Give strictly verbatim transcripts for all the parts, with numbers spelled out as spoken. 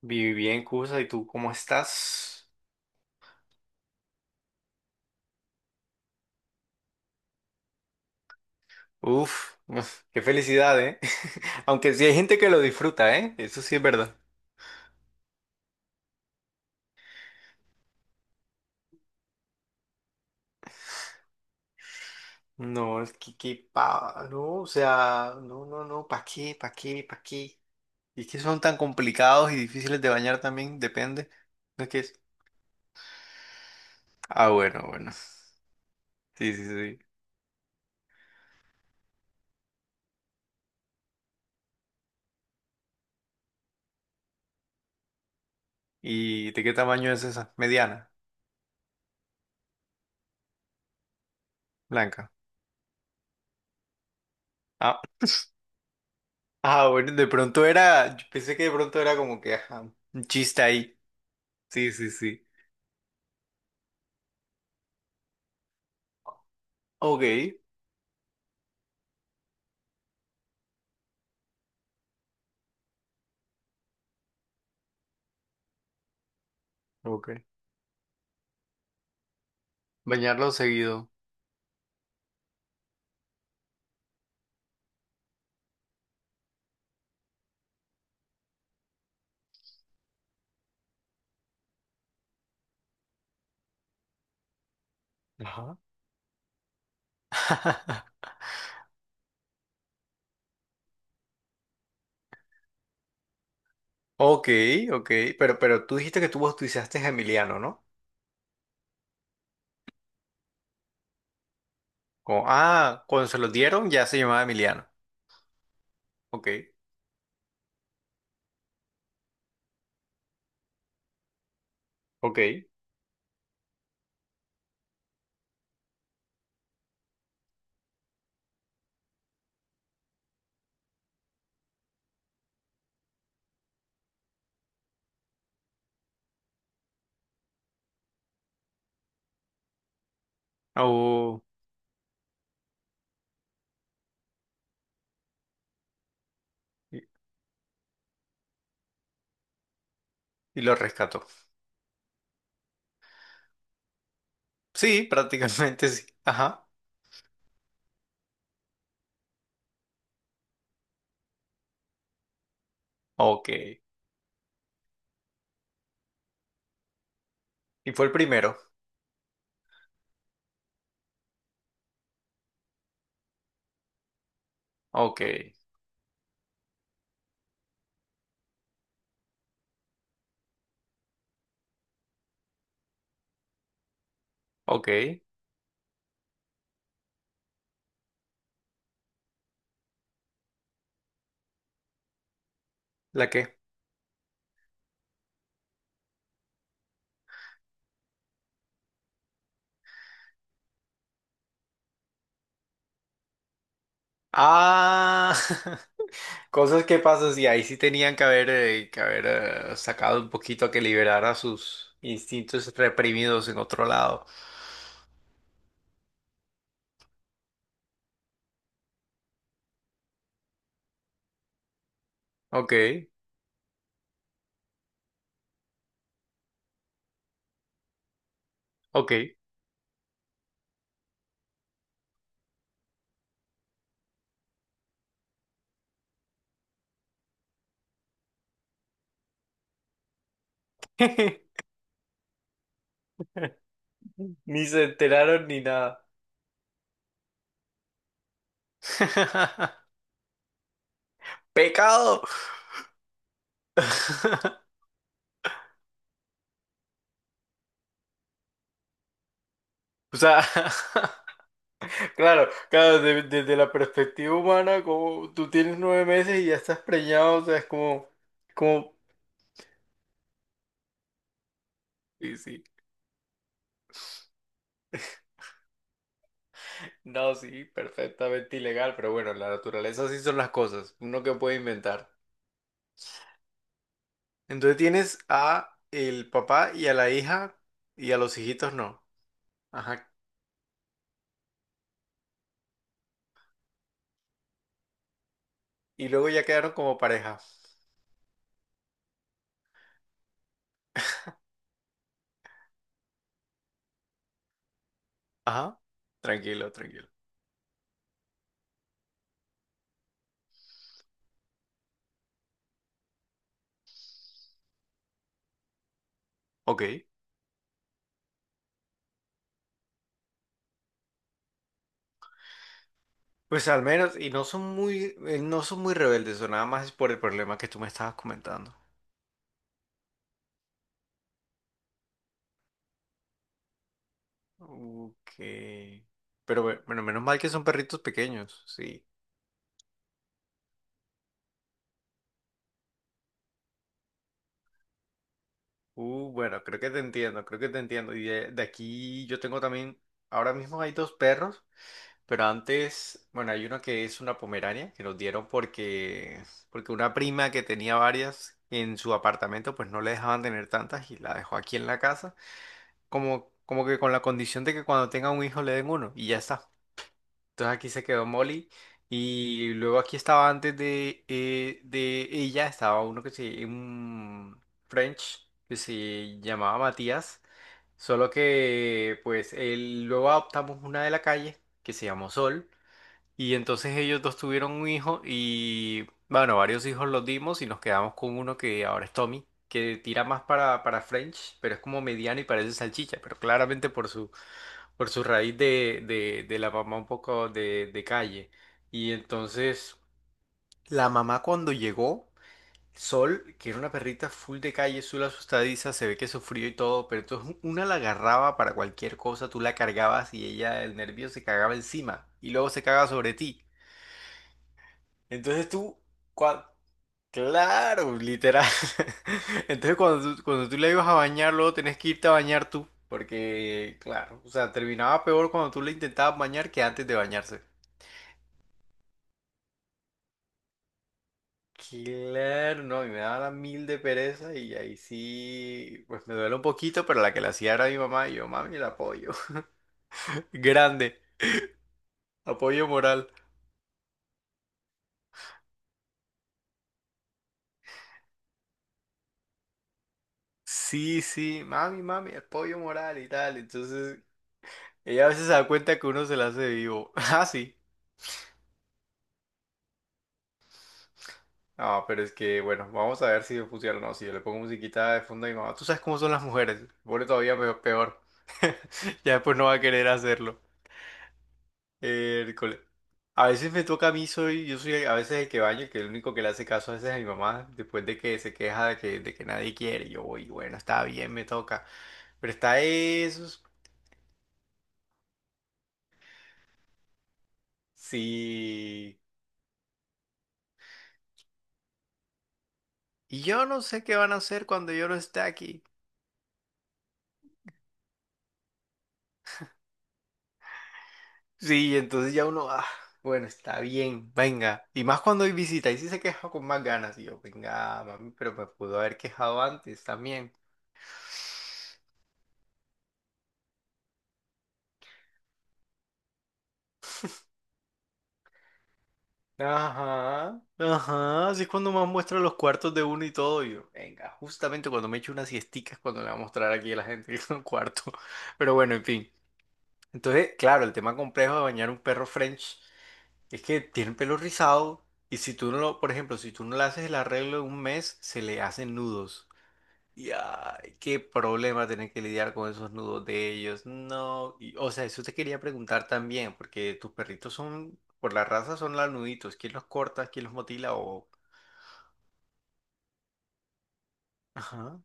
Viví bien, Cusa, ¿y tú cómo estás? Uf, uf, qué felicidad, ¿eh? Aunque sí hay gente que lo disfruta, ¿eh? Eso sí es verdad. No, es que, que pa, no, o sea, no, no, no, ¿para qué, para qué, para qué? Y es que son tan complicados y difíciles de bañar también, depende. ¿No es que es? Ah, bueno, bueno. Sí, sí, sí. ¿Y de qué tamaño es esa? Mediana, blanca. Ah, ah, bueno, de pronto era, yo pensé que de pronto era como que, ajá, un chiste ahí. Sí, sí, sí. Ok, ok. Bañarlo seguido. Ajá. Ok, ok, pero, pero tú dijiste que tú bautizaste a Emiliano, ¿no? Como, ah, cuando se lo dieron ya se llamaba Emiliano. Ok, ok. Oh, y, y lo rescató. Sí, prácticamente sí. Ajá. Ok. Y fue el primero. Ok, ok. ¿La qué? Ah, cosas que pasan, sí, ahí sí tenían que haber, eh, que haber eh, sacado un poquito a que liberara sus instintos reprimidos en otro lado. Ok, ok. Ni se enteraron ni nada. ¡Pecado! O sea, claro, claro, de- desde la perspectiva humana, como tú tienes nueve meses y ya estás preñado, o sea, es como, como, sí, sí. No, sí, perfectamente ilegal, pero bueno, en la naturaleza así son las cosas, uno que puede inventar. Entonces tienes a el papá y a la hija y a los hijitos no. Ajá. Y luego ya quedaron como pareja. Ajá. Tranquilo, tranquilo. Ok. Pues al menos, y no son muy, eh, no son muy rebeldes, o nada más es por el problema que tú me estabas comentando. Ok. Pero bu- bueno, menos mal que son perritos pequeños, sí. Uh, bueno, creo que te entiendo, creo que te entiendo. Y de, de aquí yo tengo también, ahora mismo hay dos perros, pero antes, bueno, hay uno que es una pomerania, que nos dieron porque, porque una prima que tenía varias en su apartamento, pues no le dejaban tener tantas y la dejó aquí en la casa. Como, como que con la condición de que cuando tenga un hijo le den uno y ya está. Entonces aquí se quedó Molly y luego aquí estaba antes de, eh, de ella, estaba uno que se, un French que se llamaba Matías, solo que pues él, luego adoptamos una de la calle que se llamó Sol y entonces ellos dos tuvieron un hijo y, bueno, varios hijos los dimos y nos quedamos con uno que ahora es Tommy, que tira más para, para French, pero es como mediano y parece salchicha, pero claramente por su, por su raíz de, de, de la mamá un poco de, de calle. Y entonces la mamá cuando llegó, Sol, que era una perrita full de calle, azul asustadiza, se ve que sufrió y todo, pero entonces una la agarraba para cualquier cosa, tú la cargabas y ella, el nervio se cagaba encima y luego se caga sobre ti. Entonces tú, cua- claro, literal. Entonces cuando tú, cuando tú le ibas a bañar, luego tenés que irte a bañar tú. Porque, claro, o sea, terminaba peor cuando tú le intentabas bañar que antes de bañarse. Claro, no, y me daba la mil de pereza y ahí sí, pues me duele un poquito, pero la que la hacía era mi mamá y yo, mami, el apoyo. Grande, apoyo moral. Sí, sí, mami, mami, apoyo moral y tal. Entonces, ella a veces se da cuenta que uno se la hace vivo. Ah, sí. Ah, pero es que, bueno, vamos a ver si funciona o no. Si yo le pongo musiquita de fondo a mi mamá, tú sabes cómo son las mujeres, se pone todavía pe- peor. Ya después no va a querer hacerlo. Hércules. A veces me toca a mí, soy, yo soy a veces el que baño, el que el único que le hace caso a veces a mi mamá, después de que se queja de que, de que nadie quiere. Yo voy, bueno, está bien, me toca. Pero está eso, sí. Y yo no sé qué van a hacer cuando yo no esté aquí. Sí, entonces ya uno, ah, bueno, está bien, venga. Y más cuando hay visita, ahí sí se queja con más ganas. Y yo, venga, mami, pero me pudo haber quejado antes también. Ajá, ajá, así es cuando más muestra los cuartos de uno y todo. Y yo, venga, justamente cuando me echo unas siesticas, cuando le va a mostrar aquí a la gente que es un cuarto. Pero bueno, en fin. Entonces, claro, el tema complejo de bañar un perro French es que tiene el pelo rizado y si tú no lo, por ejemplo, si tú no le haces el arreglo en un mes, se le hacen nudos. Y ay, qué problema tener que lidiar con esos nudos de ellos. No, y, o sea, eso te quería preguntar también, porque tus perritos son, por la raza son lanuditos. ¿Quién los corta? ¿Quién los motila? O... Ajá,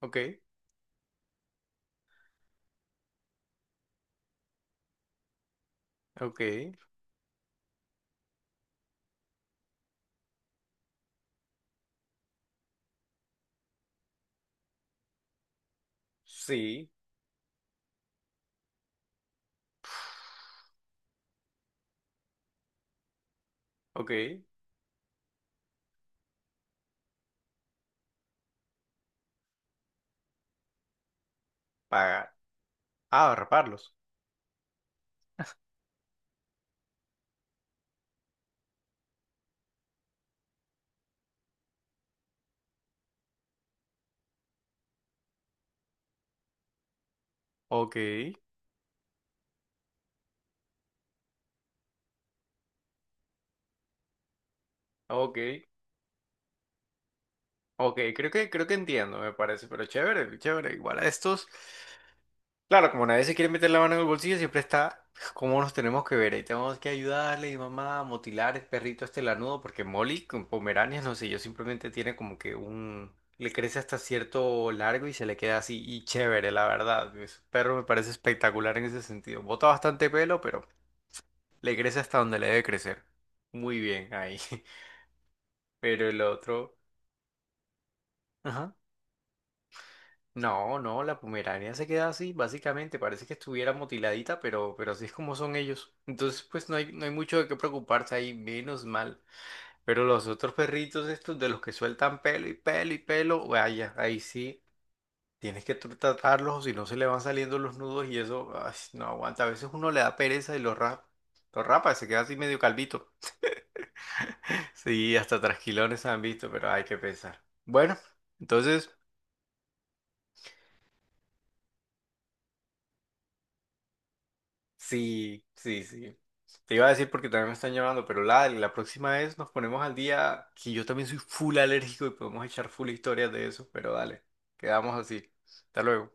ok, ok, sí, ok, pagar. Ah, raparlos. Ok, ok, ok, creo que, creo que entiendo, me parece, pero chévere, chévere. Igual a estos. Claro, como nadie se quiere meter la mano en el bolsillo, siempre está pues, cómo nos tenemos que ver. Ahí tenemos que ayudarle y mamá a motilar el perrito este lanudo, porque Molly con Pomeranias, no sé, yo simplemente tiene como que un... Le crece hasta cierto largo y se le queda así y chévere, la verdad. Ese perro me parece espectacular en ese sentido. Bota bastante pelo, pero le crece hasta donde le debe crecer. Muy bien ahí. Pero el otro... Ajá. No, no, la Pomerania se queda así, básicamente, parece que estuviera mutiladita, pero, pero así es como son ellos. Entonces, pues no hay, no hay mucho de qué preocuparse ahí, menos mal. Pero los otros perritos estos de los que sueltan pelo y pelo y pelo, vaya, ahí sí tienes que tr- tratarlos o si no se le van saliendo los nudos y eso, ay, no aguanta. A veces uno le da pereza y los rapa, los rapa, se queda así medio calvito. Sí, hasta trasquilones han visto, pero hay que pensar. Bueno, entonces... Sí, sí, sí. Te iba a decir porque también me están llamando, pero la, la próxima vez nos ponemos al día, que yo también soy full alérgico y podemos echar full historias de eso, pero dale, quedamos así. Hasta luego.